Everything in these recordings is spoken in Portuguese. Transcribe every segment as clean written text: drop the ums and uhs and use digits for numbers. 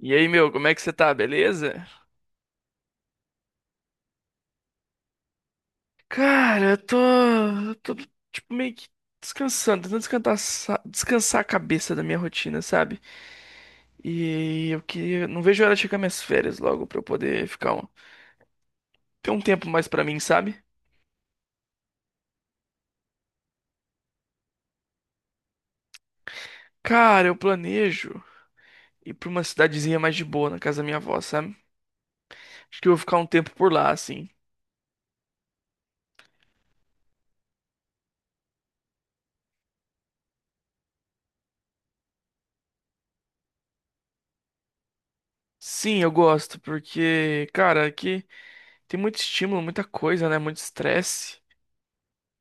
E aí, meu, como é que você tá? Beleza? Cara, eu tô tipo meio que descansando, tentando descansar, descansar a cabeça da minha rotina, sabe? E eu que não vejo a hora de chegar minhas férias logo pra eu poder ficar um, ter um tempo mais pra mim, sabe? Cara, eu planejo ir pra uma cidadezinha mais de boa na casa da minha avó, sabe? Acho que eu vou ficar um tempo por lá, assim. Sim, eu gosto, porque, cara, aqui tem muito estímulo, muita coisa, né? Muito estresse.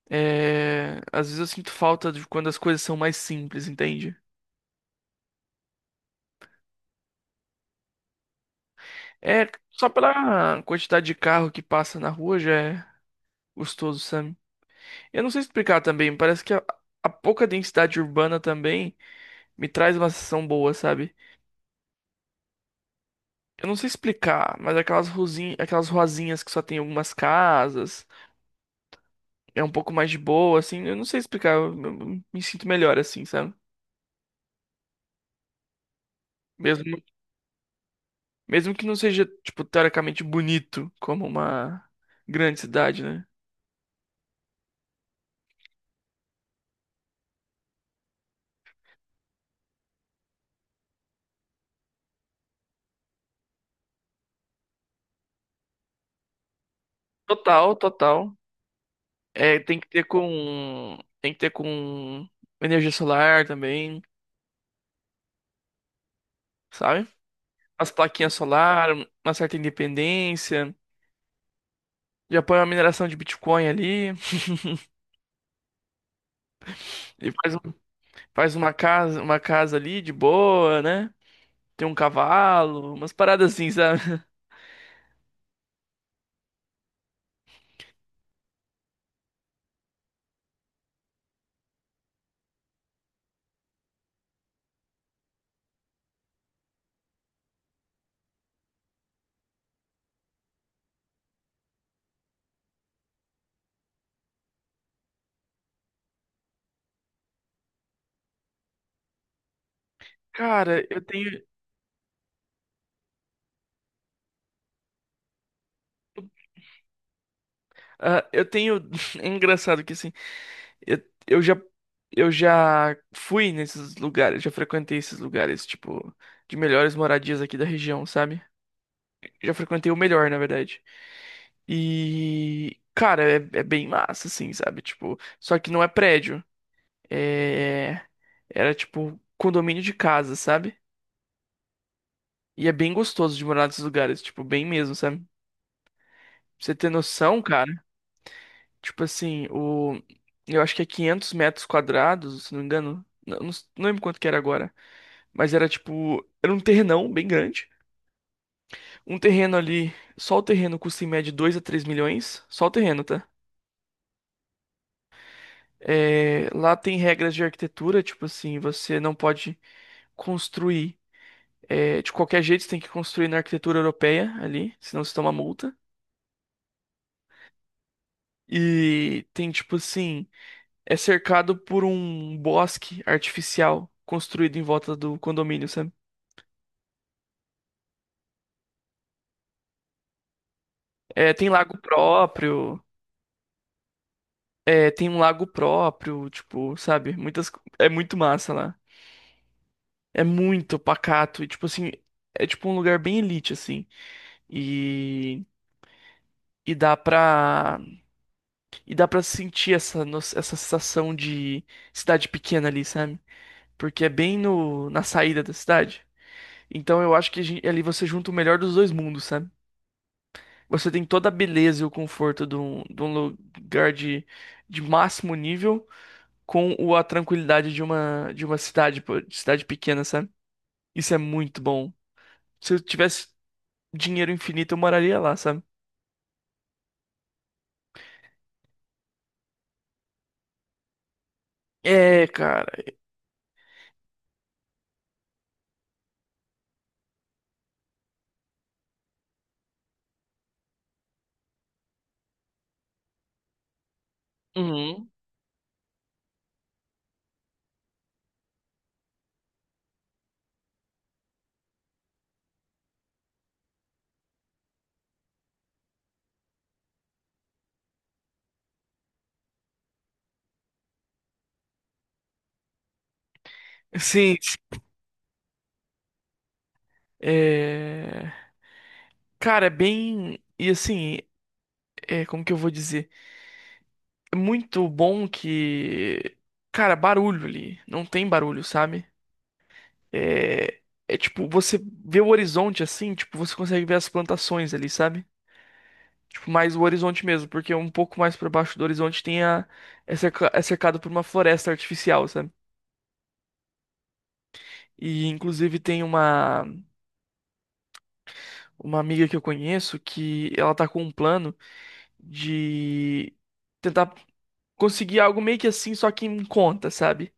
É, às vezes eu sinto falta de quando as coisas são mais simples, entende? É, só pela quantidade de carro que passa na rua já é gostoso, sabe? Eu não sei explicar também, parece que a pouca densidade urbana também me traz uma sensação boa, sabe? Eu não sei explicar, mas aquelas ruzinhas, aquelas ruazinhas que só tem algumas casas, é um pouco mais de boa, assim, eu não sei explicar, eu me sinto melhor assim, sabe? Mesmo, mesmo que não seja, tipo, teoricamente bonito como uma grande cidade, né? Total, total. É, tem que ter com energia solar também, sabe? As plaquinhas solar, uma certa independência. Já põe uma mineração de Bitcoin ali, e faz, faz uma casa ali de boa, né? Tem um cavalo, umas paradas assim, sabe? Cara, eu tenho, ah, eu tenho, é engraçado que assim, eu, eu já, eu já fui nesses lugares, já frequentei esses lugares, tipo, de melhores moradias aqui da região, sabe? Já frequentei o melhor, na verdade. E, cara, é bem massa, assim, sabe? Tipo, só que não é prédio. É, era tipo condomínio de casa, sabe? E é bem gostoso de morar nesses lugares, tipo, bem mesmo, sabe? Pra você ter noção, cara, tipo assim, o eu acho que é 500 metros quadrados, se não me engano. Não, não lembro quanto que era agora, mas era tipo, era um terrenão bem grande. Um terreno ali, só o terreno custa em média 2 a 3 milhões, só o terreno, tá? É, lá tem regras de arquitetura, tipo assim, você não pode construir. De qualquer jeito, você tem que construir na arquitetura europeia ali, senão você toma multa. E tem, tipo assim, é cercado por um bosque artificial construído em volta do condomínio, sabe? É, tem lago próprio, é, tem um lago próprio, tipo, sabe? Muitas, é muito massa lá. É muito pacato e, tipo assim, é tipo um lugar bem elite, assim. E, e dá pra E dá pra sentir essa, essa sensação de cidade pequena ali, sabe? Porque é bem no, na saída da cidade. Então eu acho que ali você junta o melhor dos dois mundos, sabe? Você tem toda a beleza e o conforto de de um lugar de máximo nível com a tranquilidade de de uma cidade, pô, de cidade pequena, sabe? Isso é muito bom. Se eu tivesse dinheiro infinito, eu moraria lá, sabe? É, cara. Uhum. Sim. É... Cara, é bem. E assim. É, como que eu vou dizer? É muito bom que, cara, barulho ali, não tem barulho, sabe? É, é tipo, você vê o horizonte assim, tipo, você consegue ver as plantações ali, sabe? Tipo, mais o horizonte mesmo, porque um pouco mais pra baixo do horizonte tem é é cercado por uma floresta artificial, sabe? E inclusive tem uma amiga que eu conheço que ela tá com um plano de tentar conseguir algo meio que assim, só que em conta, sabe?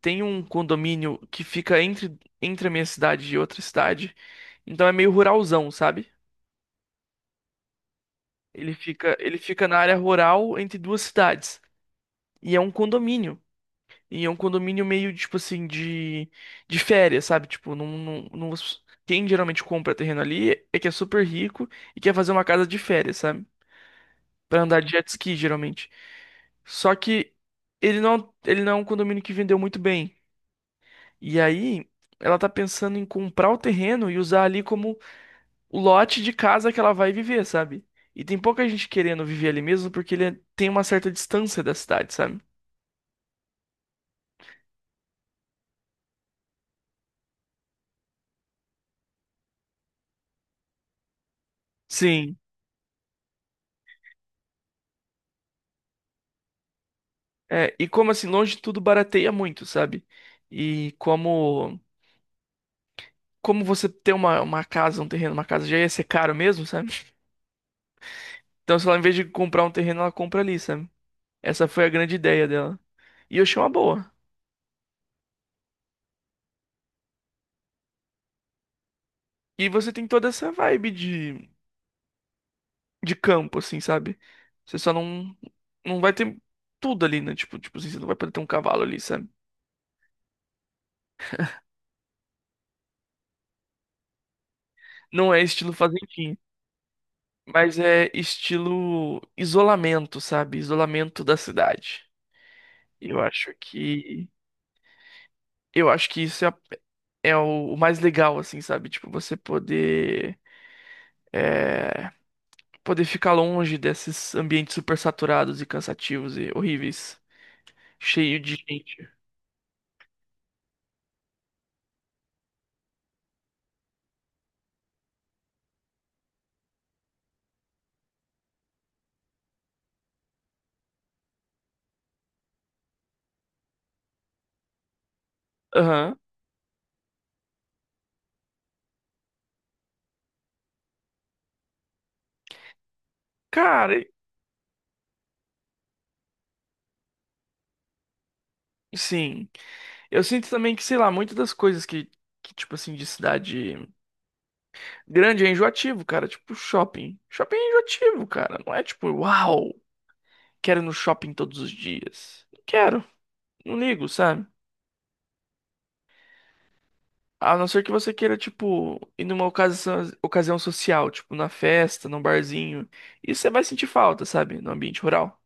Tem um condomínio que fica entre a minha cidade e outra cidade. Então é meio ruralzão, sabe? Ele fica na área rural entre duas cidades. E é um condomínio. E é um condomínio meio, tipo assim, de férias, sabe? Tipo, não quem geralmente compra terreno ali é que é super rico e quer fazer uma casa de férias, sabe? Pra andar de jet ski, geralmente. Só que ele não é um condomínio que vendeu muito bem. E aí, ela tá pensando em comprar o terreno e usar ali como o lote de casa que ela vai viver, sabe? E tem pouca gente querendo viver ali mesmo porque tem uma certa distância da cidade, sabe? Sim. É, e como assim, longe de tudo barateia muito, sabe? E como como você ter uma casa, um terreno, uma casa já ia ser caro mesmo, sabe? Então, se ela, em vez de comprar um terreno, ela compra ali, sabe? Essa foi a grande ideia dela. E eu achei uma boa. E você tem toda essa vibe de campo, assim, sabe? Você só não, não vai ter tudo ali, né? Tipo assim, você não vai poder ter um cavalo ali, sabe? Não é estilo fazendinha, mas é estilo isolamento, sabe? Isolamento da cidade. Eu acho que eu acho que isso é, é o mais legal, assim, sabe? Tipo, você poder é, poder ficar longe desses ambientes super saturados e cansativos e horríveis, cheio de gente. Aham. Cara, sim. Eu sinto também que, sei lá, muitas das coisas tipo assim, de cidade grande é enjoativo, cara. Tipo, shopping. Shopping é enjoativo, cara. Não é tipo, uau, quero ir no shopping todos os dias. Não quero. Não ligo, sabe? A não ser que você queira, tipo, ir numa ocasião, ocasião social, tipo, na festa, num barzinho. Isso você vai sentir falta, sabe? No ambiente rural.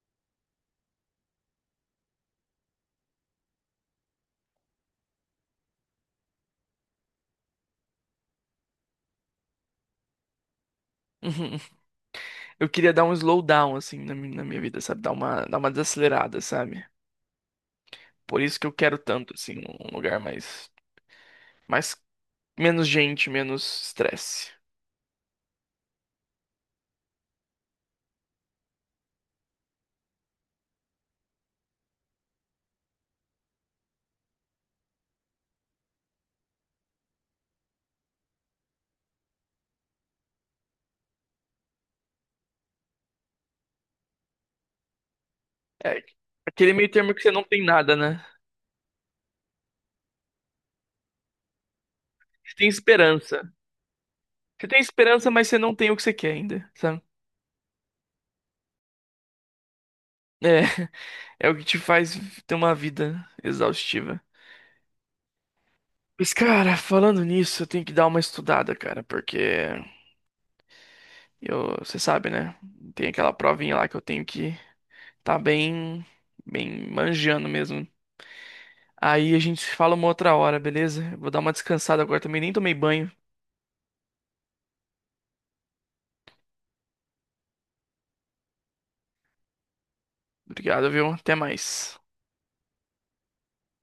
Uhum. Eu queria dar um slowdown, assim, na, na minha vida, sabe? Dar uma desacelerada, sabe? Por isso que eu quero tanto, assim, um lugar mais menos gente, menos estresse. É aquele meio termo que você não tem nada, né? Você tem esperança. Você tem esperança, mas você não tem o que você quer ainda, sabe? É, é o que te faz ter uma vida exaustiva. Mas, cara, falando nisso, eu tenho que dar uma estudada, cara, porque eu, você sabe, né? Tem aquela provinha lá que eu tenho que tá bem, bem manjando mesmo. Aí a gente se fala uma outra hora, beleza? Eu vou dar uma descansada agora também, nem tomei banho. Obrigado, viu? Até mais.